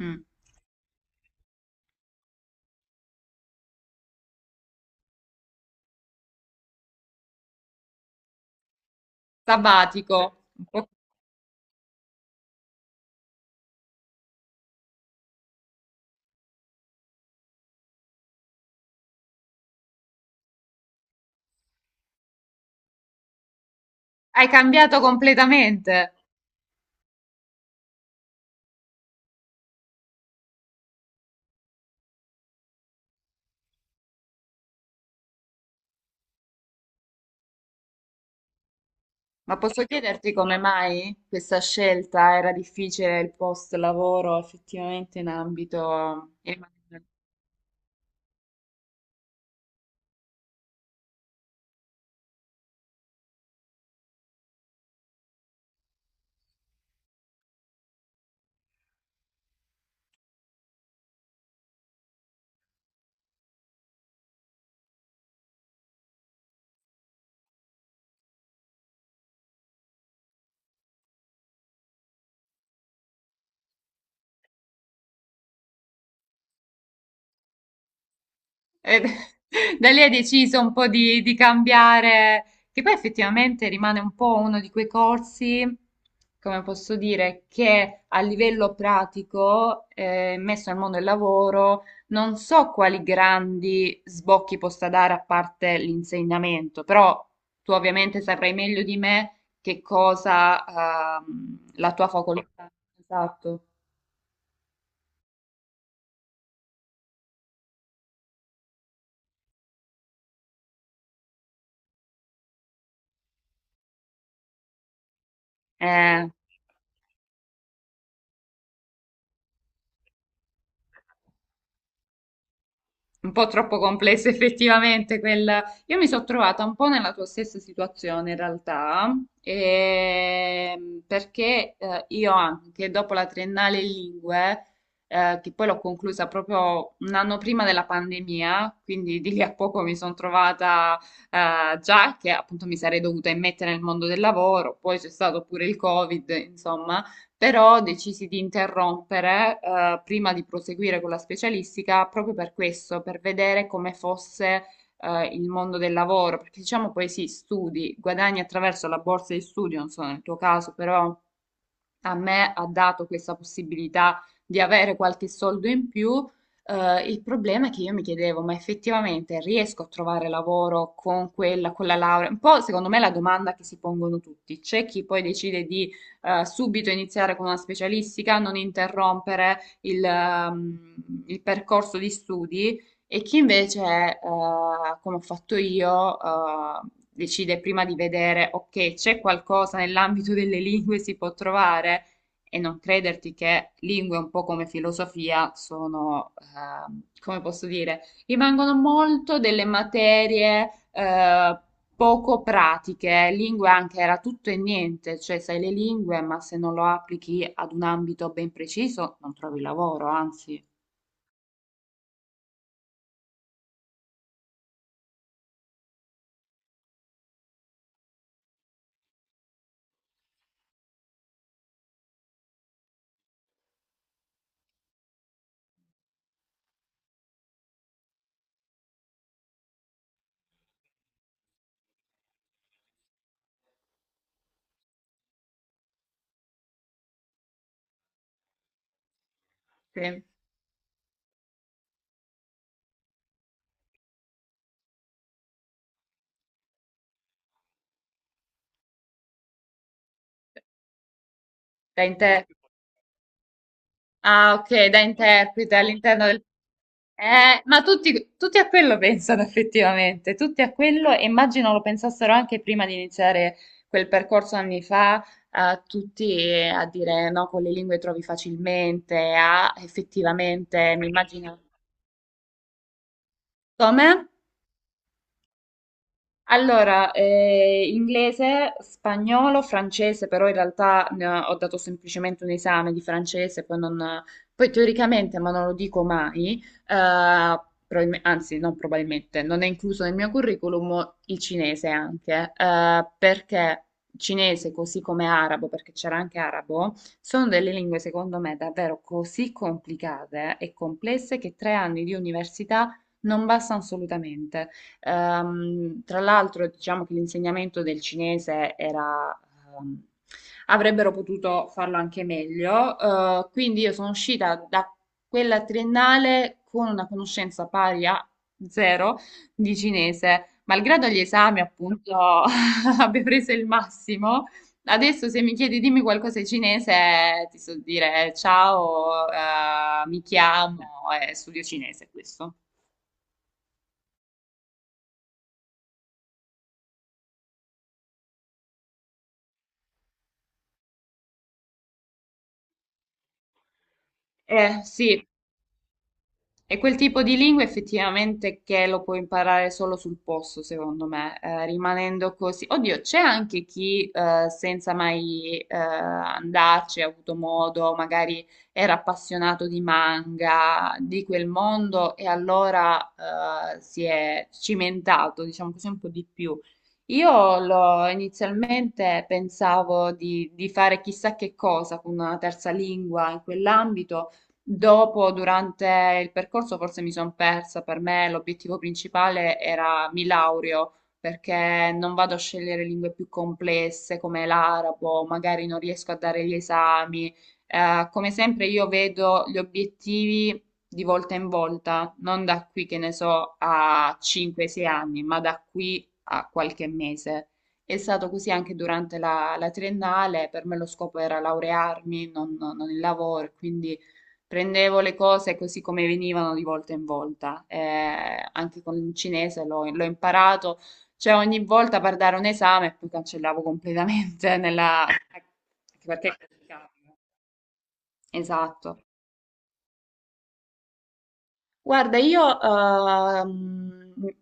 Mm. Sabbatico. O- Hai cambiato completamente. Ma posso chiederti come mai questa scelta era difficile il post lavoro effettivamente in ambito. E da lì hai deciso un po' di cambiare, che poi effettivamente rimane un po' uno di quei corsi, come posso dire, che a livello pratico, messo al mondo del lavoro, non so quali grandi sbocchi possa dare a parte l'insegnamento, però tu ovviamente saprai meglio di me che cosa, la tua facoltà. Esatto. Eh. Un po' troppo complesso effettivamente quel... Io mi sono trovata un po' nella tua stessa situazione in realtà, perché io anche dopo la triennale in lingue, che poi l'ho conclusa proprio un anno prima della pandemia, quindi di lì a poco mi sono trovata già che appunto mi sarei dovuta immettere nel mondo del lavoro, poi c'è stato pure il Covid, insomma, però decisi di interrompere, prima di proseguire con la specialistica, proprio per questo, per vedere come fosse, il mondo del lavoro, perché diciamo poi sì, studi, guadagni attraverso la borsa di studio, non so nel tuo caso, però a me ha dato questa possibilità di avere qualche soldo in più. Il problema è che io mi chiedevo, ma effettivamente riesco a trovare lavoro con quella, con la laurea? Un po' secondo me è la domanda che si pongono tutti. C'è chi poi decide di subito iniziare con una specialistica, non interrompere il percorso di studi. E chi invece, come ho fatto io, decide prima di vedere, ok, c'è qualcosa nell'ambito delle lingue si può trovare e non crederti che lingue un po' come filosofia sono, come posso dire, rimangono molto delle materie poco pratiche. Lingue anche era tutto e niente, cioè sai le lingue, ma se non lo applichi ad un ambito ben preciso non trovi lavoro, anzi, sì. Da in te. Ah, ok, da interprete all'interno del... ma tutti, tutti a quello pensano effettivamente, tutti a quello, e immagino lo pensassero anche prima di iniziare quel percorso anni fa, a tutti a dire no, con le lingue trovi facilmente, a effettivamente, mi immagino. Come? Allora, inglese, spagnolo, francese, però in realtà ne ho dato semplicemente un esame di francese, poi, non, poi teoricamente, ma non lo dico mai, eh, anzi non probabilmente, non è incluso nel mio curriculum il cinese anche, perché cinese così come arabo, perché c'era anche arabo, sono delle lingue secondo me davvero così complicate e complesse che tre anni di università non bastano assolutamente. Tra l'altro, diciamo che l'insegnamento del cinese era, ehm, avrebbero potuto farlo anche meglio, quindi io sono uscita da quella triennale con una conoscenza pari a zero di cinese, malgrado gli esami, appunto, abbia preso il massimo. Adesso se mi chiedi dimmi qualcosa in cinese, ti so dire ciao, mi chiamo, e studio cinese questo. Sì, è quel tipo di lingua effettivamente che lo puoi imparare solo sul posto, secondo me, rimanendo così. Oddio, c'è anche chi senza mai andarci ha avuto modo, magari era appassionato di manga, di quel mondo e allora si è cimentato, diciamo così, un po' di più. Io inizialmente pensavo di fare chissà che cosa con una terza lingua in quell'ambito. Dopo, durante il percorso, forse mi sono persa. Per me l'obiettivo principale era mi laureo, perché non vado a scegliere lingue più complesse come l'arabo, magari non riesco a dare gli esami. Come sempre io vedo gli obiettivi di volta in volta, non da qui che ne so a 5-6 anni, ma da qui a qualche mese. È stato così anche durante la triennale, per me lo scopo era laurearmi, non il lavoro, quindi prendevo le cose così come venivano di volta in volta, anche con il cinese l'ho imparato, cioè ogni volta per dare un esame poi cancellavo completamente nella... anche perché... Esatto. Guarda, io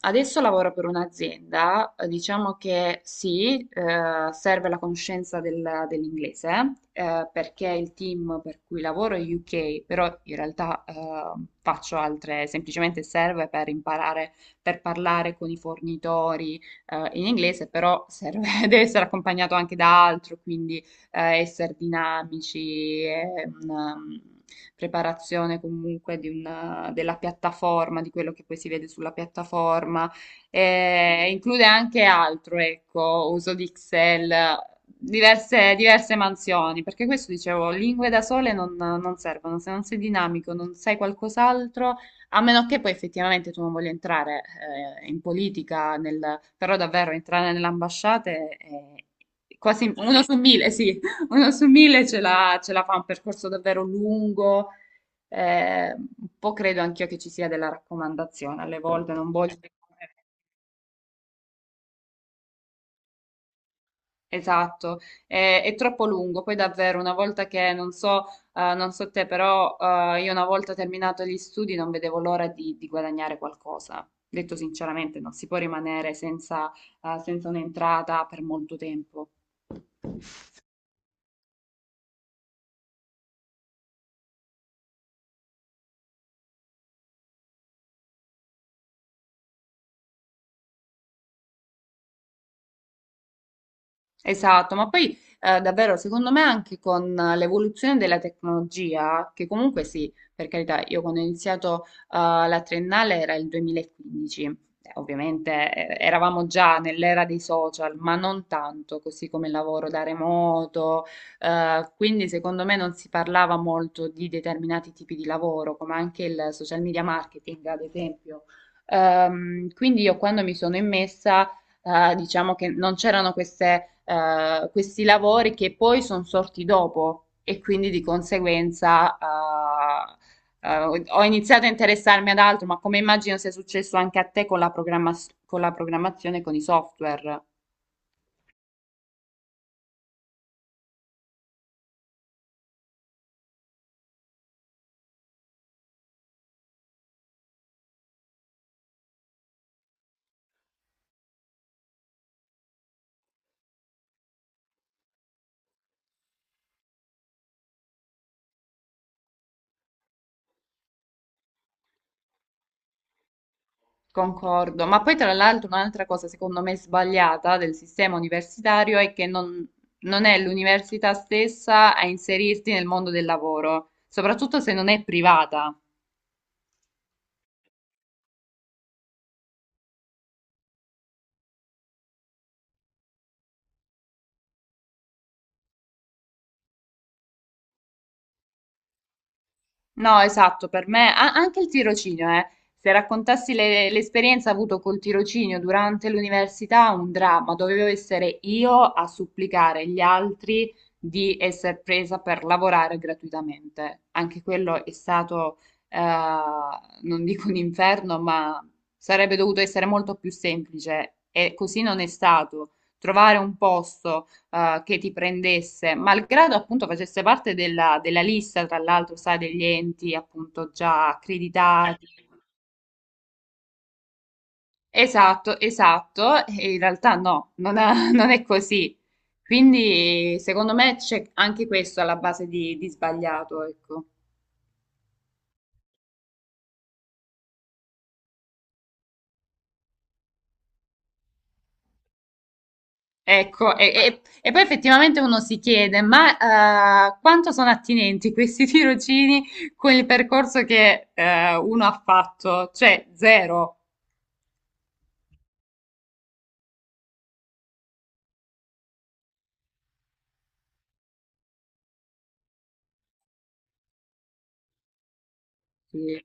adesso lavoro per un'azienda, diciamo che sì, serve la conoscenza dell'inglese, perché il team per cui lavoro è UK, però in realtà faccio altre, semplicemente serve per imparare, per parlare con i fornitori in inglese, però deve essere accompagnato anche da altro, quindi essere dinamici, è una preparazione comunque di della piattaforma, di quello che poi si vede sulla piattaforma. E include anche altro, ecco, uso di Excel, diverse mansioni, perché questo dicevo, lingue da sole non servono, se non sei dinamico, non sai qualcos'altro, a meno che poi effettivamente tu non voglia entrare in politica, però davvero entrare nelle ambasciate è quasi uno su mille, sì, una su mille ce la fa un percorso davvero lungo, un po' credo anch'io che ci sia della raccomandazione, alle volte non voglio... Esatto, è, troppo lungo, poi davvero una volta che, non so, non so te, però io una volta terminato gli studi non vedevo l'ora di guadagnare qualcosa. Detto sinceramente, non si può rimanere senza, senza un'entrata per molto tempo. Esatto, ma poi davvero secondo me anche con l'evoluzione della tecnologia, che comunque sì, per carità, io quando ho iniziato la triennale era il 2015, ovviamente eravamo già nell'era dei social, ma non tanto, così come il lavoro da remoto, quindi secondo me non si parlava molto di determinati tipi di lavoro, come anche il social media marketing, ad esempio. Quindi io quando mi sono immessa diciamo che non c'erano queste, questi lavori che poi sono sorti dopo e quindi di conseguenza eh, ho iniziato a interessarmi ad altro, ma come immagino sia successo anche a te con la programmazione, con i software. Concordo, ma poi tra l'altro un'altra cosa secondo me sbagliata del sistema universitario è che non è l'università stessa a inserirti nel mondo del lavoro, soprattutto se non è privata. No, esatto, per me anche il tirocinio, eh. Se raccontassi l'esperienza avuto col tirocinio durante l'università, un dramma, dovevo essere io a supplicare gli altri di essere presa per lavorare gratuitamente. Anche quello è stato, eh, non dico un inferno, ma sarebbe dovuto essere molto più semplice e così non è stato. Trovare un posto che ti prendesse, malgrado appunto facesse parte della lista, tra l'altro, sai, degli enti appunto già accreditati. Esatto, esatto, e in realtà no, non è, non è così. Quindi secondo me c'è anche questo alla base di sbagliato, ecco. Ecco, e poi effettivamente uno si chiede, ma quanto sono attinenti questi tirocini con il percorso che uno ha fatto? Cioè, zero. Sì.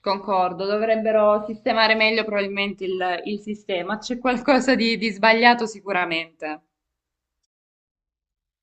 Concordo, dovrebbero sistemare meglio probabilmente il sistema, c'è qualcosa di sbagliato sicuramente.